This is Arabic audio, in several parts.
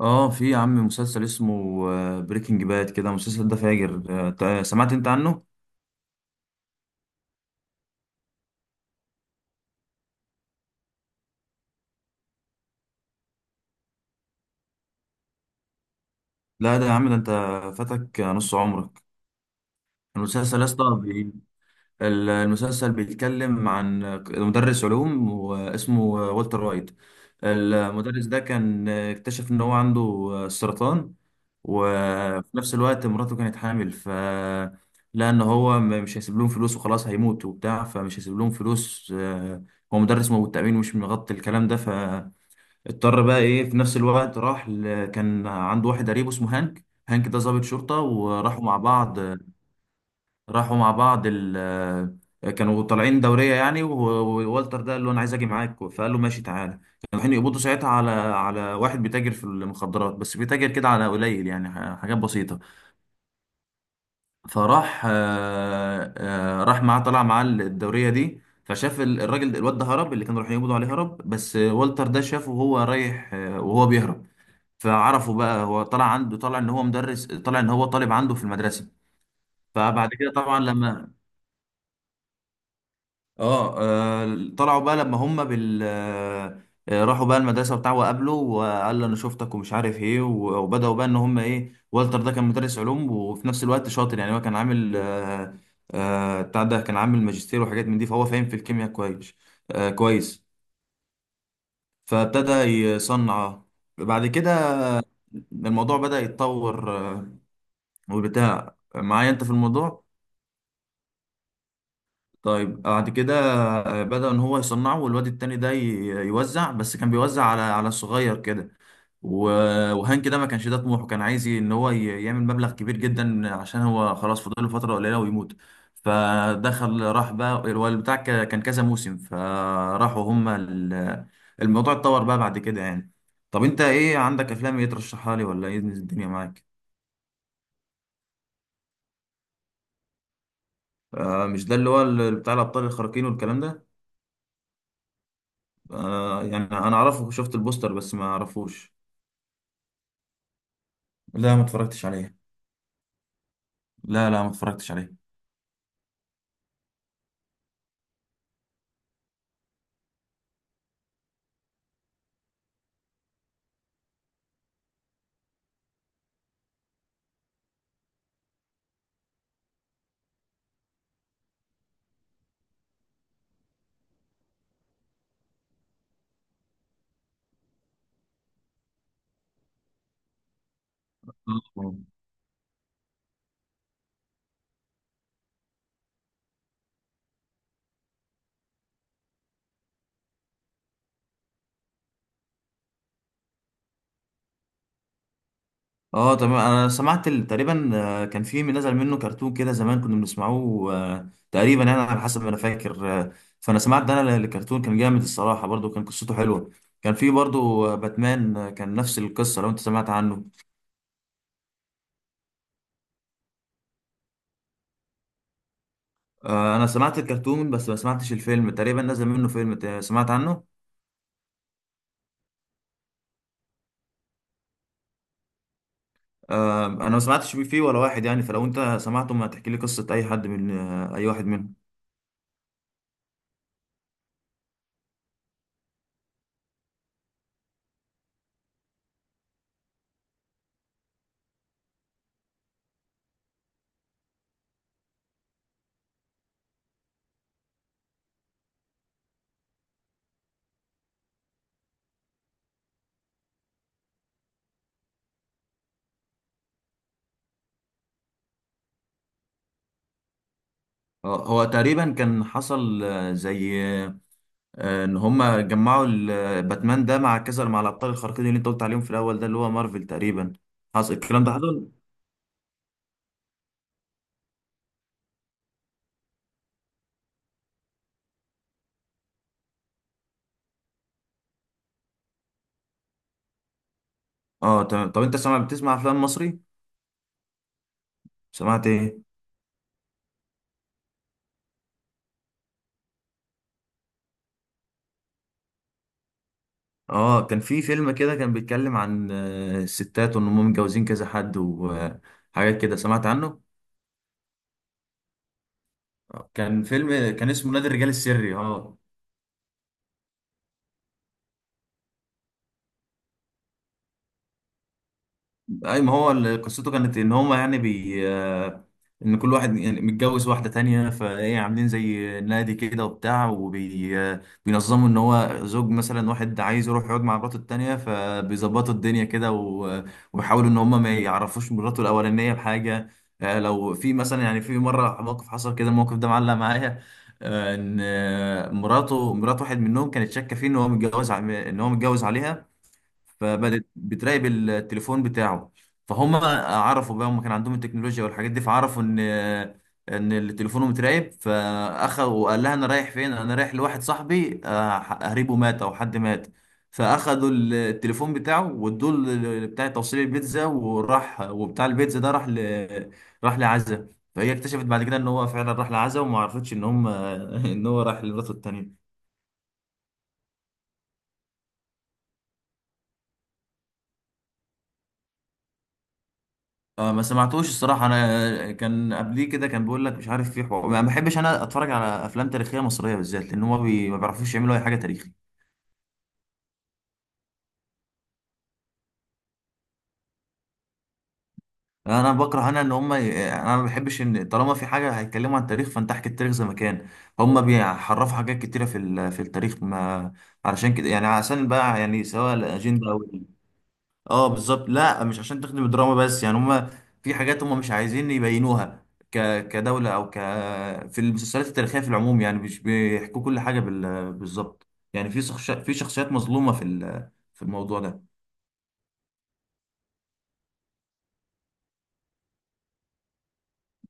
اه في يا عم مسلسل اسمه بريكنج باد كده. المسلسل ده فاجر. سمعت انت عنه؟ لا ده يا عم، ده انت فاتك نص عمرك. المسلسل يا اسطى، المسلسل بيتكلم عن مدرس علوم واسمه والتر وايت. المدرس ده كان اكتشف ان هو عنده سرطان، وفي نفس الوقت مراته كانت حامل. ف لان هو مش هيسيب لهم فلوس، وخلاص هيموت وبتاع، فمش هيسيب لهم فلوس. هو مدرس مواد، التأمين مش مغطي الكلام ده، فاضطر بقى ايه. في نفس الوقت راح ل... كان عنده واحد قريبه اسمه هانك، هانك ده ضابط شرطة، وراحوا مع بعض. راحوا مع بعض ال آه، كانوا طالعين دورية يعني ووالتر ده قال له أنا عايز أجي معاك، فقال له ماشي تعالى. كانوا رايحين يقبضوا ساعتها على على واحد بيتاجر في المخدرات، بس بيتاجر كده على قليل يعني، حاجات بسيطة. فراح راح معاه، طلع معاه الدورية دي، فشاف الواد ده هرب، اللي كانوا رايحين يقبضوا عليه هرب، بس والتر ده شافه وهو رايح وهو بيهرب. فعرفه بقى، هو طلع عنده، طلع ان هو مدرس، طلع ان هو طالب عنده في المدرسة. فبعد كده طبعا لما اه طلعوا بقى لما هم بال آه، آه، راحوا بقى المدرسه بتاعه وقابله وقال له انا شفتك ومش عارف ايه، وبداوا بقى ان هم ايه. والتر ده كان مدرس علوم وفي نفس الوقت شاطر يعني، هو كان عامل بتاع، ده كان عامل ماجستير وحاجات من دي، فهو فاهم في الكيمياء كويس، كويس. فابتدى يصنع. بعد كده الموضوع بدأ يتطور وبتاع. معايا انت في الموضوع؟ طيب بعد كده بدأ ان هو يصنعه، والواد التاني ده يوزع، بس كان بيوزع على على الصغير كده، وهان كده ما كانش ده طموحه. كان عايز يعمل مبلغ كبير جدا عشان هو خلاص فاضل له فترة قليلة ويموت. فدخل راح بقى الواد بتاع كان كذا موسم. فراحوا هما الموضوع اتطور بقى بعد كده يعني. طب انت ايه عندك، افلام ايه ترشحها لي ولا ايه الدنيا معاك؟ آه مش ده اللي هو بتاع الابطال الخارقين والكلام ده؟ آه يعني انا اعرفه، شفت البوستر بس ما اعرفوش. لا ما اتفرجتش عليه. لا لا، ما اتفرجتش عليه. اه تمام، انا سمعت تقريبا كان في من نزل منه كرتون كده زمان كنا بنسمعوه تقريبا يعني، على حسب ما انا فاكر. فانا سمعت ده، انا الكرتون كان جامد الصراحه، برضو كان قصته حلوه. كان في برضو باتمان، كان نفس القصه لو انت سمعت عنه. انا سمعت الكرتون بس ما سمعتش الفيلم، تقريبا نزل منه فيلم سمعت عنه؟ انا ما سمعتش فيه ولا واحد يعني، فلو انت سمعته ما تحكي لي قصة اي حد من اي واحد منهم. هو تقريبا كان حصل آه، زي آه، ان هما جمعوا باتمان ده مع كذا مع الابطال الخارقين اللي انت قلت عليهم في الاول ده اللي هو مارفل تقريبا. حصل الكلام ده حصل. اه تمام. طب انت سمع بتسمع افلام مصري؟ سمعت ايه؟ اه كان في فيلم كده كان بيتكلم عن الستات وان هم متجوزين كذا حد وحاجات كده، سمعت عنه؟ كان فيلم كان اسمه نادي الرجال السري. اه اي، ما هو قصته كانت ان هما يعني بي آه، ان كل واحد يعني متجوز واحده تانية، فايه عاملين زي نادي كده وبتاع، وبينظموا ان هو زوج مثلا واحد عايز يروح يقعد مع مراته التانية فبيظبطوا الدنيا كده وبيحاولوا ان هما ما يعرفوش مراته الاولانيه بحاجه. لو في مثلا، يعني في مره موقف حصل كده، الموقف ده معلق معايا. آه، ان آه، مراته، مرات واحد منهم، كانت شاكه فيه ان هو متجوز ع- ان هو متجوز عليها. فبدت بتراقب التليفون بتاعه. فهم عرفوا بقى، هم كان عندهم التكنولوجيا والحاجات دي، فعرفوا ان ان اللي تليفونه متراقب، فاخذ وقال لها انا رايح فين، انا رايح لواحد صاحبي قريبه مات او حد مات. فاخدوا التليفون بتاعه وادوه ل بتاع توصيل البيتزا، وراح وبتاع البيتزا ده راح ل... راح لعزة. فهي اكتشفت بعد كده ان هو فعلا راح لعزة، وما عرفتش ان هم ان هو راح لمراته التانية. اه ما سمعتوش الصراحة، انا كان قبليه كده كان بيقول لك مش عارف في حوار. ما بحبش انا اتفرج على افلام تاريخية مصرية بالذات، لان هم بي... ما بيعرفوش يعملوا اي حاجة تاريخي. يعني انا بكره انا ان هم يعني انا ما بحبش ان طالما في حاجة هيتكلموا عن التاريخ فانت احكي التاريخ زي ما كان. هم بيحرفوا حاجات كتيرة في ال... في التاريخ ما، علشان كده يعني، عشان بقى يعني سواء الاجندة او اه بالظبط. لا مش عشان تخدم الدراما بس يعني، هما في حاجات هما مش عايزين يبينوها ك كدولة او ك في المسلسلات التاريخية في العموم يعني مش بيحكوا كل حاجة بال... بالظبط. يعني في شخص... في شخصيات مظلومة في ال... في الموضوع ده.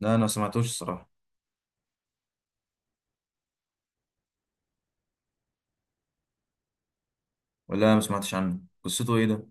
لا انا ما سمعتوش الصراحة. ولا ما سمعتش عنه، قصته ايه ده؟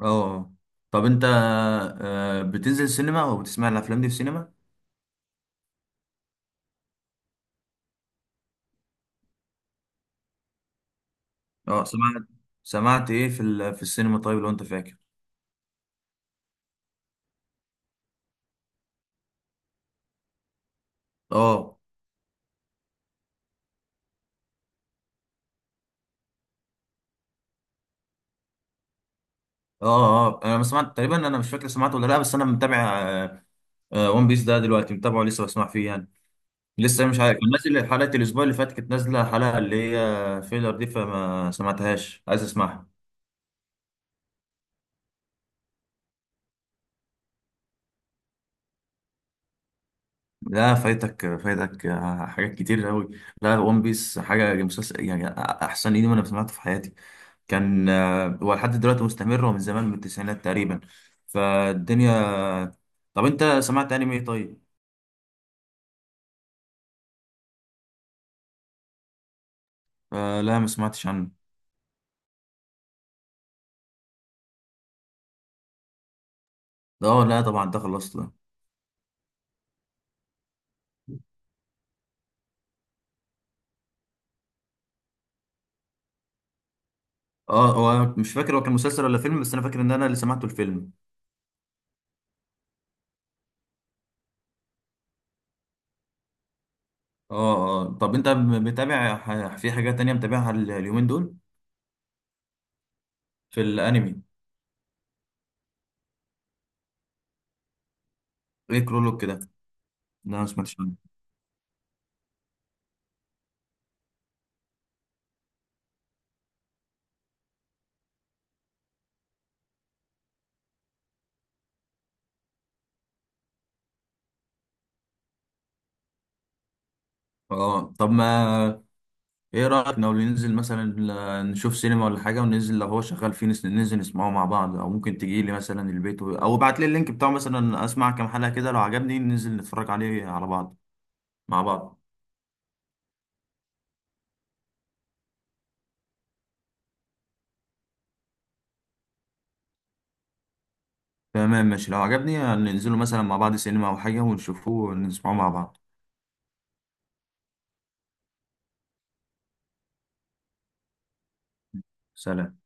اه طب انت بتنزل السينما او بتسمع الافلام دي في السينما؟ اه سمعت. سمعت ايه في ال... في السينما طيب لو انت فاكر؟ اه اه. اه انا ما سمعت تقريبا، انا مش فاكر سمعته ولا لا، بس انا متابع ون بيس ده دلوقتي، متابعه لسه بسمع فيه يعني. لسه مش عارف، كان نازل حلقة الاسبوع اللي فات، كانت نازلة الحلقة اللي هي فيلر دي فما سمعتهاش، عايز اسمعها. لا فايتك، فايتك حاجات كتير قوي. لا ون بيس حاجة، مسلسل يعني احسن انمي انا سمعته في حياتي. كان هو لحد دلوقتي مستمر، ومن زمان من التسعينات تقريبا، فالدنيا. طب انت سمعت انمي ايه طيب؟ آه لا ما سمعتش عنه. اه لا طبعا ده خلصت. اه هو أنا مش فاكر هو كان مسلسل ولا فيلم، بس انا فاكر ان انا اللي سمعته الفيلم. اه اه طب انت متابع في حاجات تانية متابعها اليومين دول؟ في الانمي؟ ايه كرولوك كده؟ لا انا ما سمعتش عنه. اه طب ما ايه رأيك لو ننزل مثلا نشوف سينما ولا حاجة، وننزل لو هو شغال فيه ننزل نسمعه مع بعض، او ممكن تجي لي مثلا البيت او ابعت لي اللينك بتاعه مثلا، اسمع كام حلقة كده لو عجبني ننزل نتفرج عليه على بعض مع بعض. تمام ماشي، لو عجبني ننزله مثلا مع بعض سينما او حاجة ونشوفه ونسمعه مع بعض. سلام.